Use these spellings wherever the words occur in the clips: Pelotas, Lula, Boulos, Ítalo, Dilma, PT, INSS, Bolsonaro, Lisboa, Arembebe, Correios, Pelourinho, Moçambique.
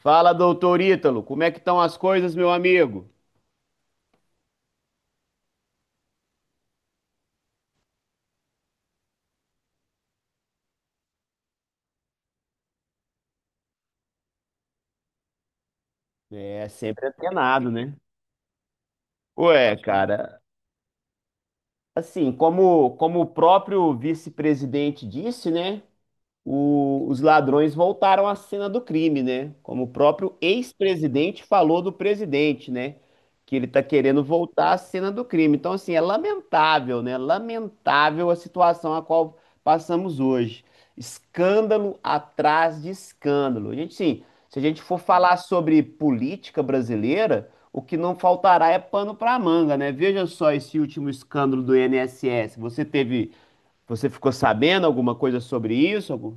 Fala, doutor Ítalo, como é que estão as coisas, meu amigo? É, sempre antenado, né? Ué, cara, assim, como o próprio vice-presidente disse, né? Os ladrões voltaram à cena do crime, né? Como o próprio ex-presidente falou do presidente, né? Que ele tá querendo voltar à cena do crime. Então, assim, é lamentável, né? Lamentável a situação a qual passamos hoje. Escândalo atrás de escândalo. A gente, sim, se a gente for falar sobre política brasileira, o que não faltará é pano para manga, né? Veja só esse último escândalo do INSS. Você ficou sabendo alguma coisa sobre isso?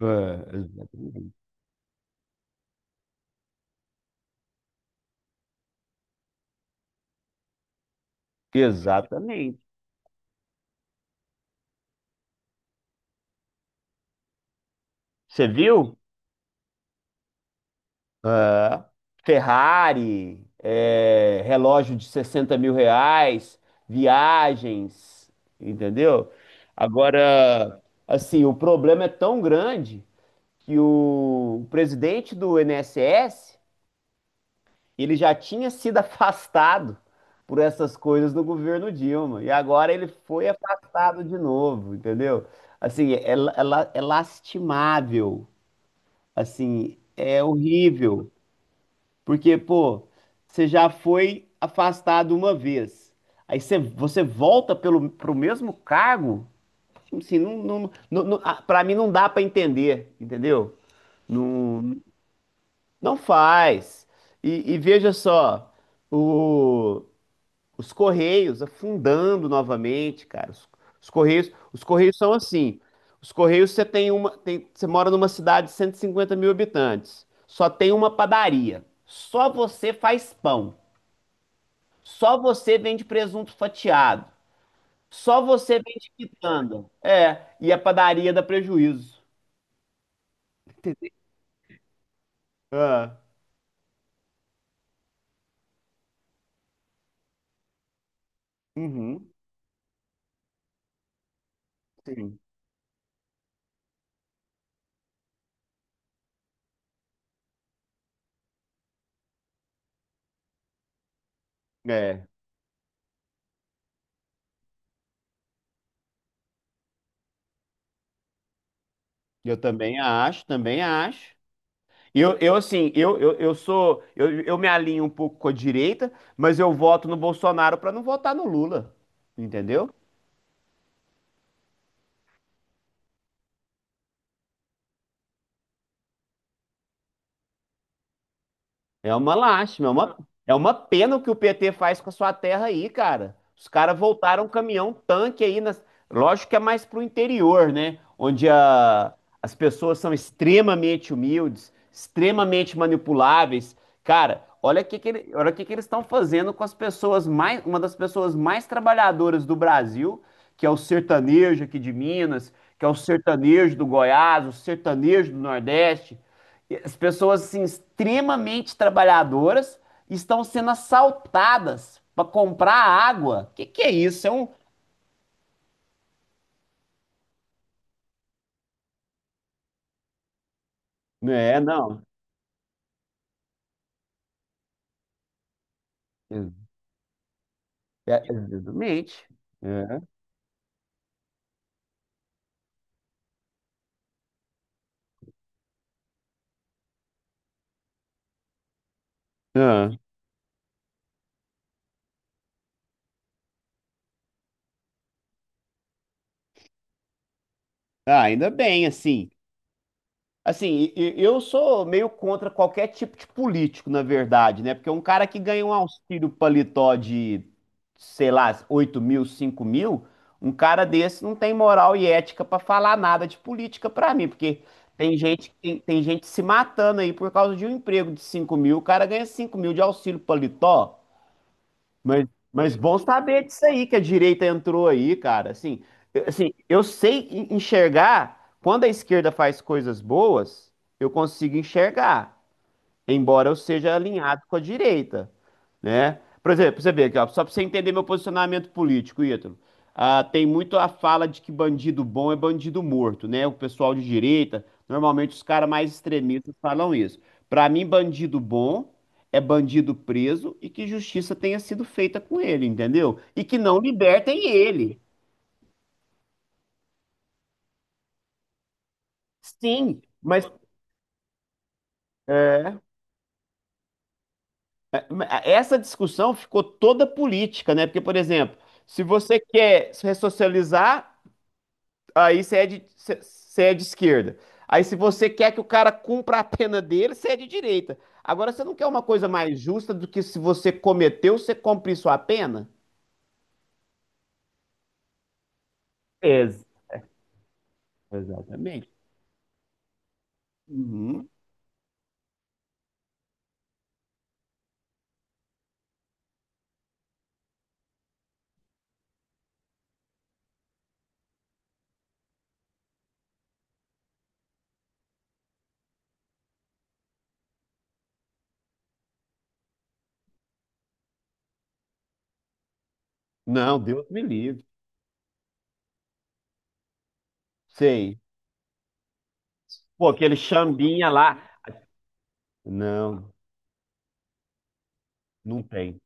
É, exatamente. Você viu? É. Ferrari, relógio de R$ 60.000, viagens, entendeu? Agora, assim, o problema é tão grande que o presidente do N S S ele já tinha sido afastado por essas coisas no governo Dilma, e agora ele foi afastado de novo, entendeu? Assim, é lastimável. Assim, é horrível, porque, pô, você já foi afastado uma vez, aí você volta pro mesmo cargo, assim, não, não, não, ah, pra mim não dá pra entender, entendeu? Não, não faz. E veja só, o, os Correios afundando novamente, cara. Os Correios, os Correios são assim. Os Correios, você tem uma, você mora numa cidade de 150 mil habitantes. Só tem uma padaria. Só você faz pão. Só você vende presunto fatiado. Só você vende quitanda. É, e a padaria dá prejuízo. Ah, uhum, sim. É, eu também acho, também acho. Eu assim, eu sou. Eu me alinho um pouco com a direita, mas eu voto no Bolsonaro para não votar no Lula. Entendeu? É uma lástima, é uma pena o que o PT faz com a sua terra aí, cara. Os caras voltaram caminhão tanque aí nas. Lógico que é mais pro interior, né? Onde as pessoas são extremamente humildes, extremamente manipuláveis. Cara, olha o que que eles estão fazendo com as pessoas mais, uma das pessoas mais trabalhadoras do Brasil, que é o sertanejo aqui de Minas, que é o sertanejo do Goiás, o sertanejo do Nordeste. As pessoas assim, extremamente trabalhadoras estão sendo assaltadas para comprar água. O que que é isso? É um. É, não. É, é, exatamente. É. Ah. Ah, ainda bem, assim. Assim, eu sou meio contra qualquer tipo de político, na verdade, né? Porque um cara que ganha um auxílio paletó de, sei lá, 8.000, 5.000, um cara desse não tem moral e ética pra falar nada de política pra mim, porque tem gente, tem gente se matando aí por causa de um emprego de 5.000, o cara ganha 5.000 de auxílio paletó. Mas, mas bom saber disso aí, que a direita entrou aí, cara. Assim, assim, eu sei enxergar, quando a esquerda faz coisas boas, eu consigo enxergar, embora eu seja alinhado com a direita, né? Por exemplo, você vê aqui, ó, só para você entender meu posicionamento político, Ítalo. Ah, tem muito a fala de que bandido bom é bandido morto, né? O pessoal de direita, normalmente os caras mais extremistas falam isso. Para mim, bandido bom é bandido preso e que justiça tenha sido feita com ele, entendeu? E que não libertem ele. Sim, mas é. Essa discussão ficou toda política, né? Porque, por exemplo, se você quer se ressocializar, aí você é de esquerda. Aí, se você quer que o cara cumpra a pena dele, você é de direita. Agora, você não quer uma coisa mais justa do que se você cometeu, você cumprir sua pena? Ex- Exatamente. Uhum. Não, Deus me livre. Sei. Pô, aquele chambinha lá. Não, não tem.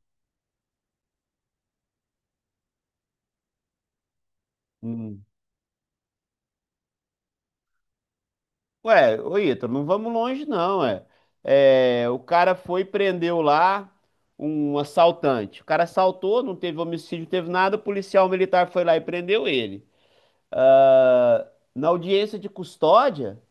Hum. Ué, ô Ítalo, não vamos longe não, é. É, o cara foi e prendeu lá um assaltante. O cara assaltou, não teve homicídio, não teve nada, o policial militar foi lá e prendeu ele. Ah, na audiência de custódia,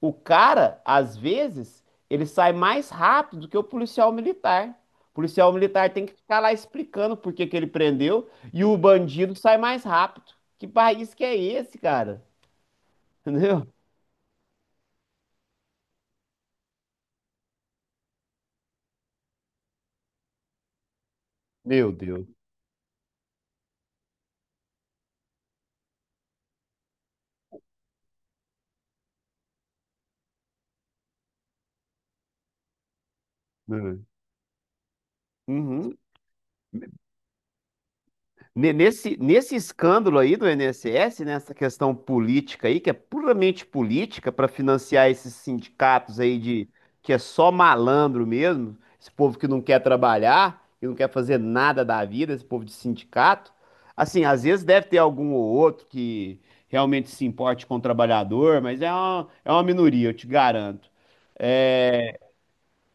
o cara, às vezes, ele sai mais rápido do que o policial militar. O policial militar tem que ficar lá explicando por que que ele prendeu e o bandido sai mais rápido. Que país que é esse, cara? Entendeu? Meu Deus. Hum. Uhum. Nesse escândalo aí do INSS, nessa questão política aí, que é puramente política, para financiar esses sindicatos aí de que é só malandro mesmo, esse povo que não quer trabalhar, que não quer fazer nada da vida, esse povo de sindicato. Assim, às vezes deve ter algum ou outro que realmente se importe com o trabalhador, mas é uma minoria, eu te garanto.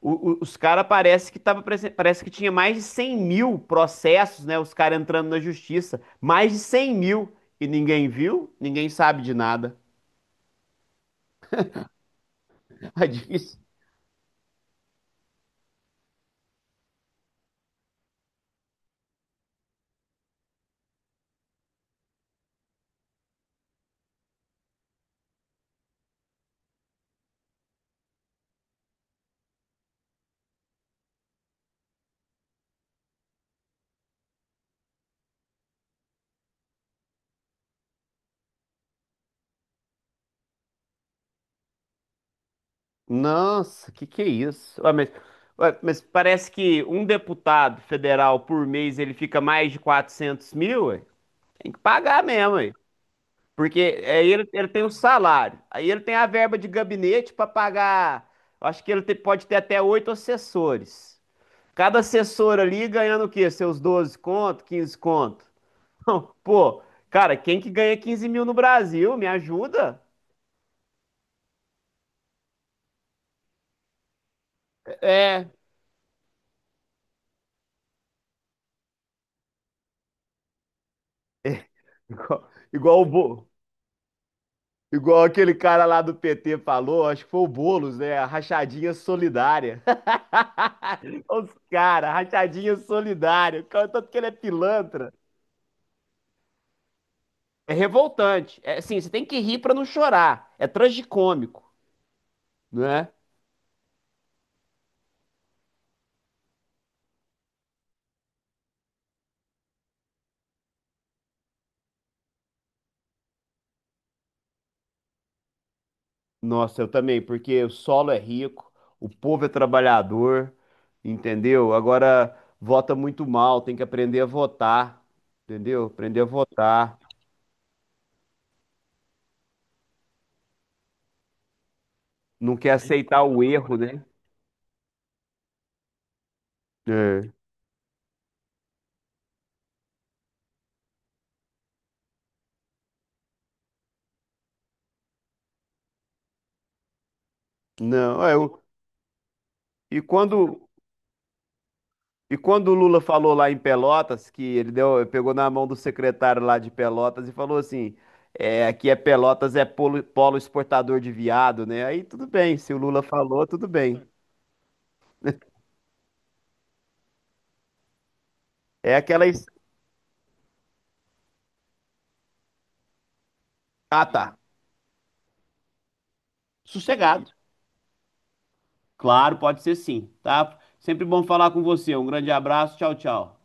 Os caras parece que parece que tinha mais de 100.000 processos, né? Os caras entrando na justiça. Mais de 100.000. E ninguém viu, ninguém sabe de nada. Aí diz. Nossa, que é isso? Ué, mas parece que um deputado federal por mês ele fica mais de 400.000, ué. Tem que pagar mesmo, ué. Porque aí ele tem o salário, aí ele tem a verba de gabinete para pagar. Eu acho que pode ter até oito assessores. Cada assessor ali ganhando o quê? Seus 12 conto, 15 conto? Não, pô, cara, quem que ganha 15.000 no Brasil? Me ajuda? É, Igual, igual o Bo- igual aquele cara lá do PT falou, acho que foi o Boulos, né? A rachadinha solidária. Os caras, rachadinha solidária. O cara, tanto que ele é pilantra. É revoltante. É, assim, você tem que rir pra não chorar. É tragicômico, né? Nossa, eu também, porque o solo é rico, o povo é trabalhador, entendeu? Agora vota muito mal, tem que aprender a votar, entendeu? Aprender a votar, não quer aceitar o erro, né? É. Não, e quando e quando o Lula falou lá em Pelotas que ele deu, pegou na mão do secretário lá de Pelotas e falou assim, aqui é Pelotas é polo, exportador de viado, né? Aí tudo bem, se o Lula falou, tudo bem. É aquela es- Ah, tá. Sossegado. Claro, pode ser sim, tá? Sempre bom falar com você. Um grande abraço. Tchau, tchau.